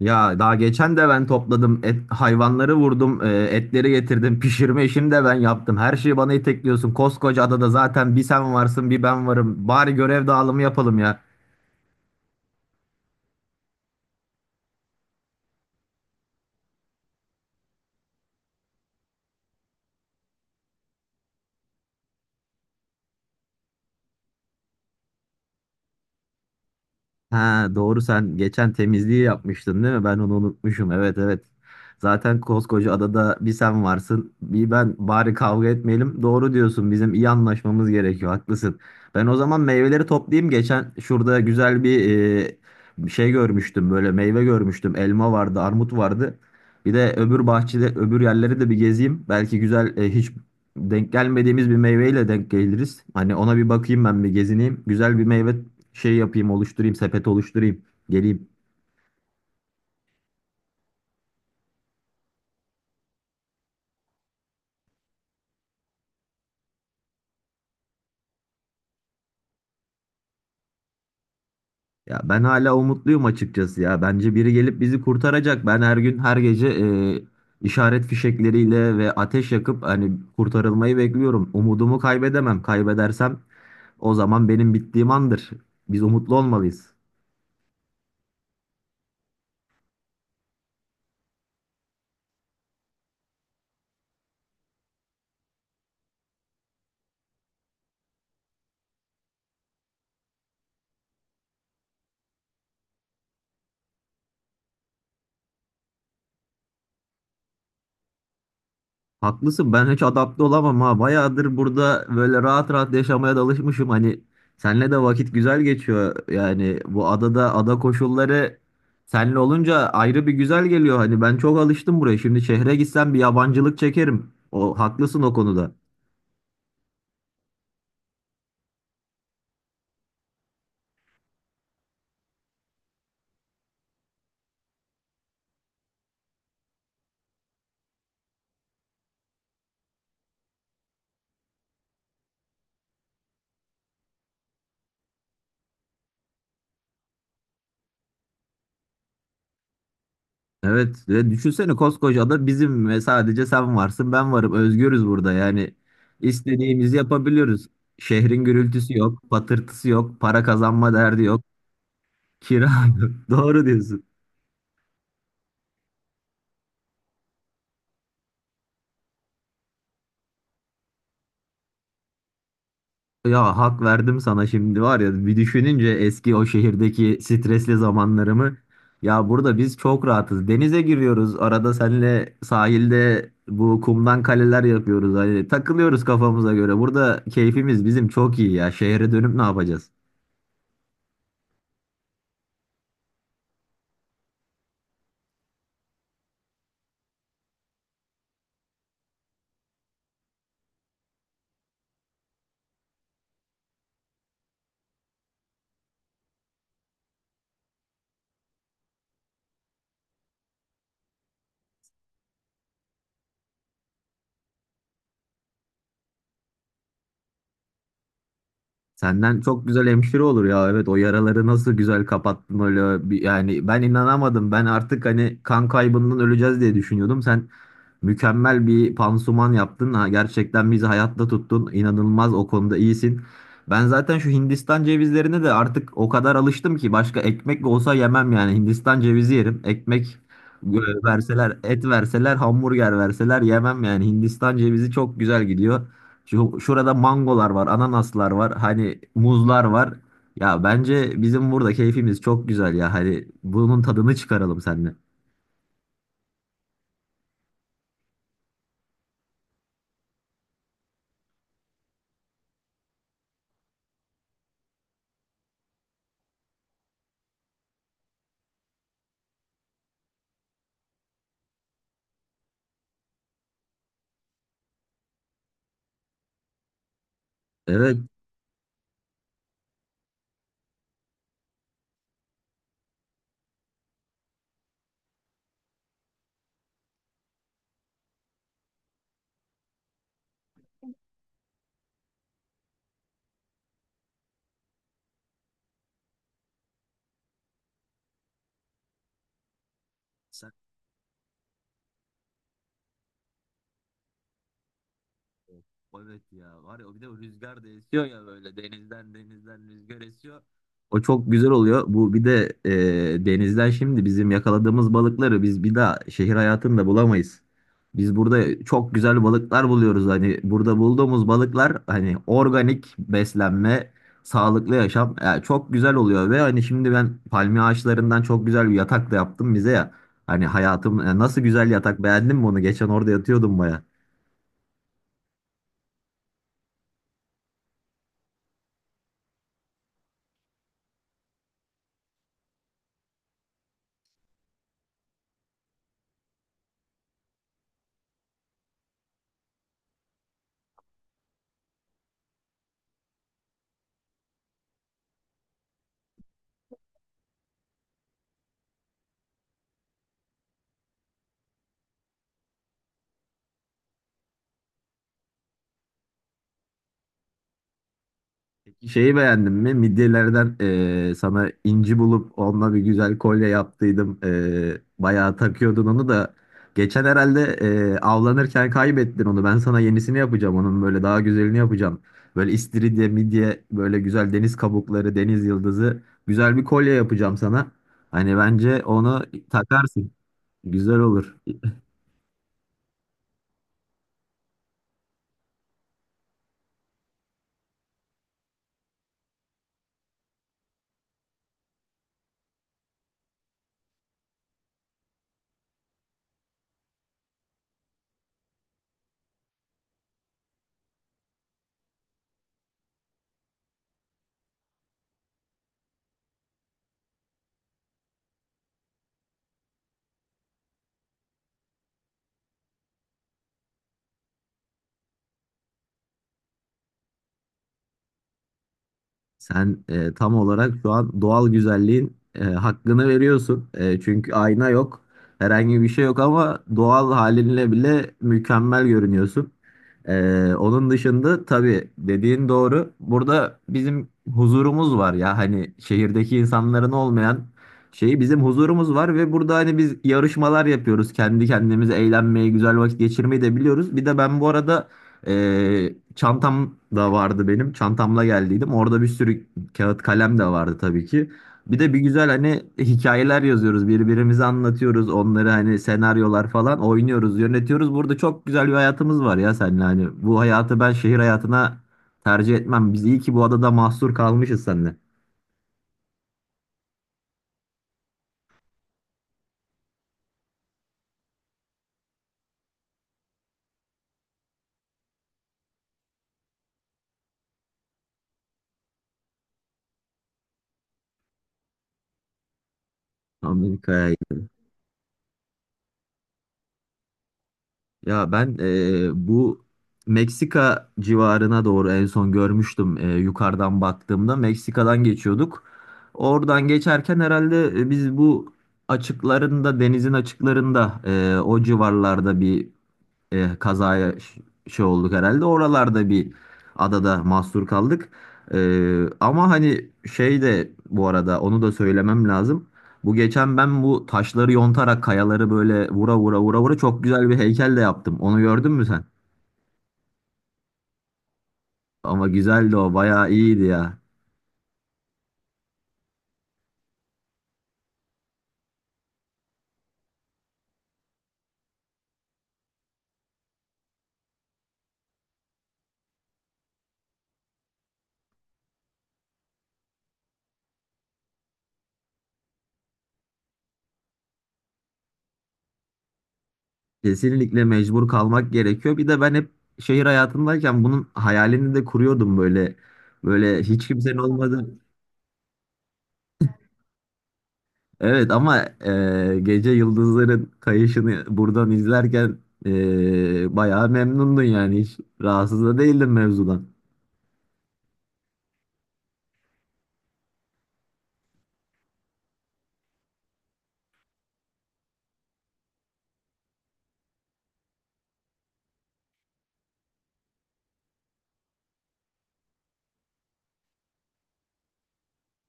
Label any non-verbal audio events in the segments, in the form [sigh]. Ya daha geçen de ben topladım. Et, hayvanları vurdum. Etleri getirdim. Pişirme işini de ben yaptım. Her şeyi bana itekliyorsun. Koskoca adada zaten bir sen varsın bir ben varım. Bari görev dağılımı yapalım ya. Ha doğru, sen geçen temizliği yapmıştın değil mi? Ben onu unutmuşum. Evet, evet. Zaten koskoca adada bir sen varsın, bir ben. Bari kavga etmeyelim. Doğru diyorsun. Bizim iyi anlaşmamız gerekiyor. Haklısın. Ben o zaman meyveleri toplayayım. Geçen şurada güzel bir e, şey görmüştüm. Böyle meyve görmüştüm. Elma vardı, armut vardı. Bir de öbür bahçede, öbür yerleri de bir gezeyim. Belki güzel, hiç denk gelmediğimiz bir meyveyle denk geliriz. Hani ona bir bakayım, ben bir gezineyim. Güzel bir meyve şey yapayım, oluşturayım, sepet oluşturayım, geleyim. Ya ben hala umutluyum açıkçası ya. Bence biri gelip bizi kurtaracak. Ben her gün her gece işaret fişekleriyle ve ateş yakıp hani kurtarılmayı bekliyorum. Umudumu kaybedemem. Kaybedersem o zaman benim bittiğim andır. Biz umutlu olmalıyız. Haklısın, ben hiç adapte olamam ha. Bayağıdır burada böyle rahat rahat yaşamaya da alışmışım. Hani senle de vakit güzel geçiyor. Yani bu adada ada koşulları senle olunca ayrı bir güzel geliyor. Hani ben çok alıştım buraya. Şimdi şehre gitsem bir yabancılık çekerim. O haklısın o konuda. Evet ve düşünsene, koskoca ada bizim ve sadece sen varsın ben varım. Özgürüz burada, yani istediğimizi yapabiliyoruz. Şehrin gürültüsü yok, patırtısı yok, para kazanma derdi yok, kira yok. [laughs] Doğru diyorsun. Ya hak verdim sana şimdi, var ya bir düşününce eski o şehirdeki stresli zamanlarımı, ya burada biz çok rahatız, denize giriyoruz, arada senle sahilde bu kumdan kaleler yapıyoruz, hani takılıyoruz kafamıza göre, burada keyfimiz bizim çok iyi ya şehre dönüp ne yapacağız. Senden çok güzel hemşire olur ya, evet o yaraları nasıl güzel kapattın öyle bir- yani ben inanamadım, ben artık hani kan kaybından öleceğiz diye düşünüyordum. Sen mükemmel bir pansuman yaptın. Ha, gerçekten bizi hayatta tuttun. İnanılmaz o konuda iyisin. Ben zaten şu Hindistan cevizlerine de artık o kadar alıştım ki başka ekmek olsa yemem yani. Hindistan cevizi yerim. Ekmek e, verseler, et verseler, hamburger verseler yemem yani. Hindistan cevizi çok güzel gidiyor. Şurada mangolar var, ananaslar var, hani muzlar var. Ya bence bizim burada keyfimiz çok güzel ya. Hani bunun tadını çıkaralım seninle. Evet. O evet ya, var ya o, bir de o rüzgar da esiyor ya, böyle denizden rüzgar esiyor. O çok güzel oluyor. Bu bir de denizden şimdi bizim yakaladığımız balıkları biz bir daha şehir hayatında bulamayız. Biz burada çok güzel balıklar buluyoruz. Hani burada bulduğumuz balıklar hani organik beslenme, sağlıklı yaşam, yani çok güzel oluyor ve hani şimdi ben palmiye ağaçlarından çok güzel bir yatak da yaptım bize ya. Hani hayatım, nasıl, güzel yatak, beğendin mi onu? Geçen orada yatıyordum baya. Şeyi beğendin mi? Midyelerden sana inci bulup onunla bir güzel kolye yaptıydım. Bayağı takıyordun onu da. Geçen herhalde avlanırken kaybettin onu. Ben sana yenisini yapacağım. Onun böyle daha güzelini yapacağım. Böyle istiridye, midye, böyle güzel deniz kabukları, deniz yıldızı. Güzel bir kolye yapacağım sana. Hani bence onu takarsın. Güzel olur. Sen tam olarak şu an doğal güzelliğin hakkını veriyorsun. Çünkü ayna yok, herhangi bir şey yok ama doğal halinle bile mükemmel görünüyorsun. Onun dışında tabii dediğin doğru. Burada bizim huzurumuz var ya, hani şehirdeki insanların olmayan şeyi, bizim huzurumuz var ve burada hani biz yarışmalar yapıyoruz. Kendi kendimize eğlenmeyi, güzel vakit geçirmeyi de biliyoruz. Bir de ben bu arada çantam da vardı benim. Çantamla geldiydim. Orada bir sürü kağıt kalem de vardı tabii ki. Bir de bir güzel hani hikayeler yazıyoruz. Birbirimize anlatıyoruz. Onları hani senaryolar falan oynuyoruz, yönetiyoruz. Burada çok güzel bir hayatımız var ya seninle. Hani bu hayatı ben şehir hayatına tercih etmem. Biz iyi ki bu adada mahsur kalmışız seninle. Amerika'ya. Ya ben bu Meksika civarına doğru en son görmüştüm yukarıdan baktığımda. Meksika'dan geçiyorduk. Oradan geçerken herhalde biz bu açıklarında, denizin açıklarında o civarlarda bir e, kazaya ş- şey olduk herhalde. Oralarda bir adada mahsur kaldık. Ama hani şey de bu arada onu da söylemem lazım. Bu geçen ben bu taşları yontarak, kayaları böyle vura vura çok güzel bir heykel de yaptım. Onu gördün mü sen? Ama güzeldi o, bayağı iyiydi ya. Kesinlikle mecbur kalmak gerekiyor. Bir de ben hep şehir hayatındayken bunun hayalini de kuruyordum böyle. Böyle hiç kimsenin olmadığı. Evet ama gece yıldızların kayışını buradan izlerken bayağı memnundun, yani hiç rahatsız da değildin mevzudan.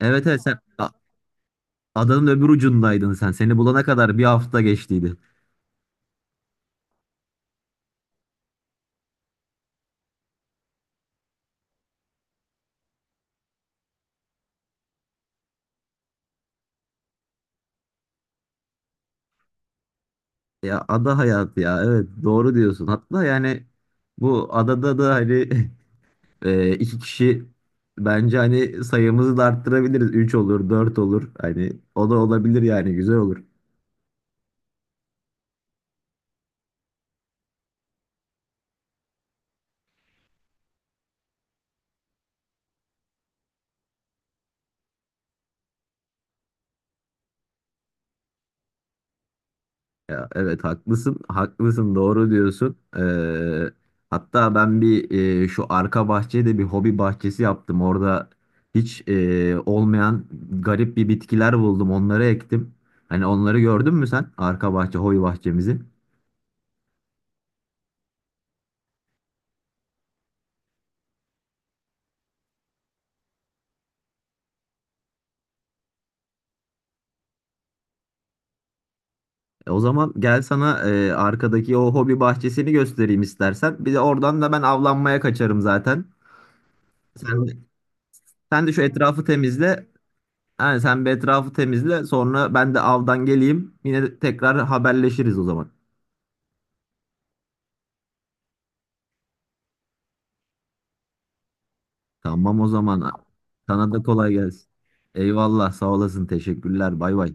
Evet, evet sen adanın öbür ucundaydın sen. Seni bulana kadar bir hafta geçtiydi. Ya ada hayatı ya, evet doğru diyorsun. Hatta yani bu adada da hani [laughs] iki kişi, bence hani sayımızı da arttırabiliriz. Üç olur dört olur, hani o da olabilir yani, güzel olur. Ya evet haklısın, haklısın, doğru diyorsun. Hatta ben bir şu arka bahçeye bir hobi bahçesi yaptım. Orada hiç olmayan garip bir bitkiler buldum, onları ektim. Hani onları gördün mü sen, arka bahçe, hobi bahçemizi? O zaman gel sana arkadaki o hobi bahçesini göstereyim istersen. Bir de oradan da ben avlanmaya kaçarım zaten. Sen, sen de şu etrafı temizle. Yani sen bir etrafı temizle, sonra ben de avdan geleyim. Yine tekrar haberleşiriz o zaman. Tamam o zaman. Sana da kolay gelsin. Eyvallah, sağ olasın, teşekkürler, bay bay.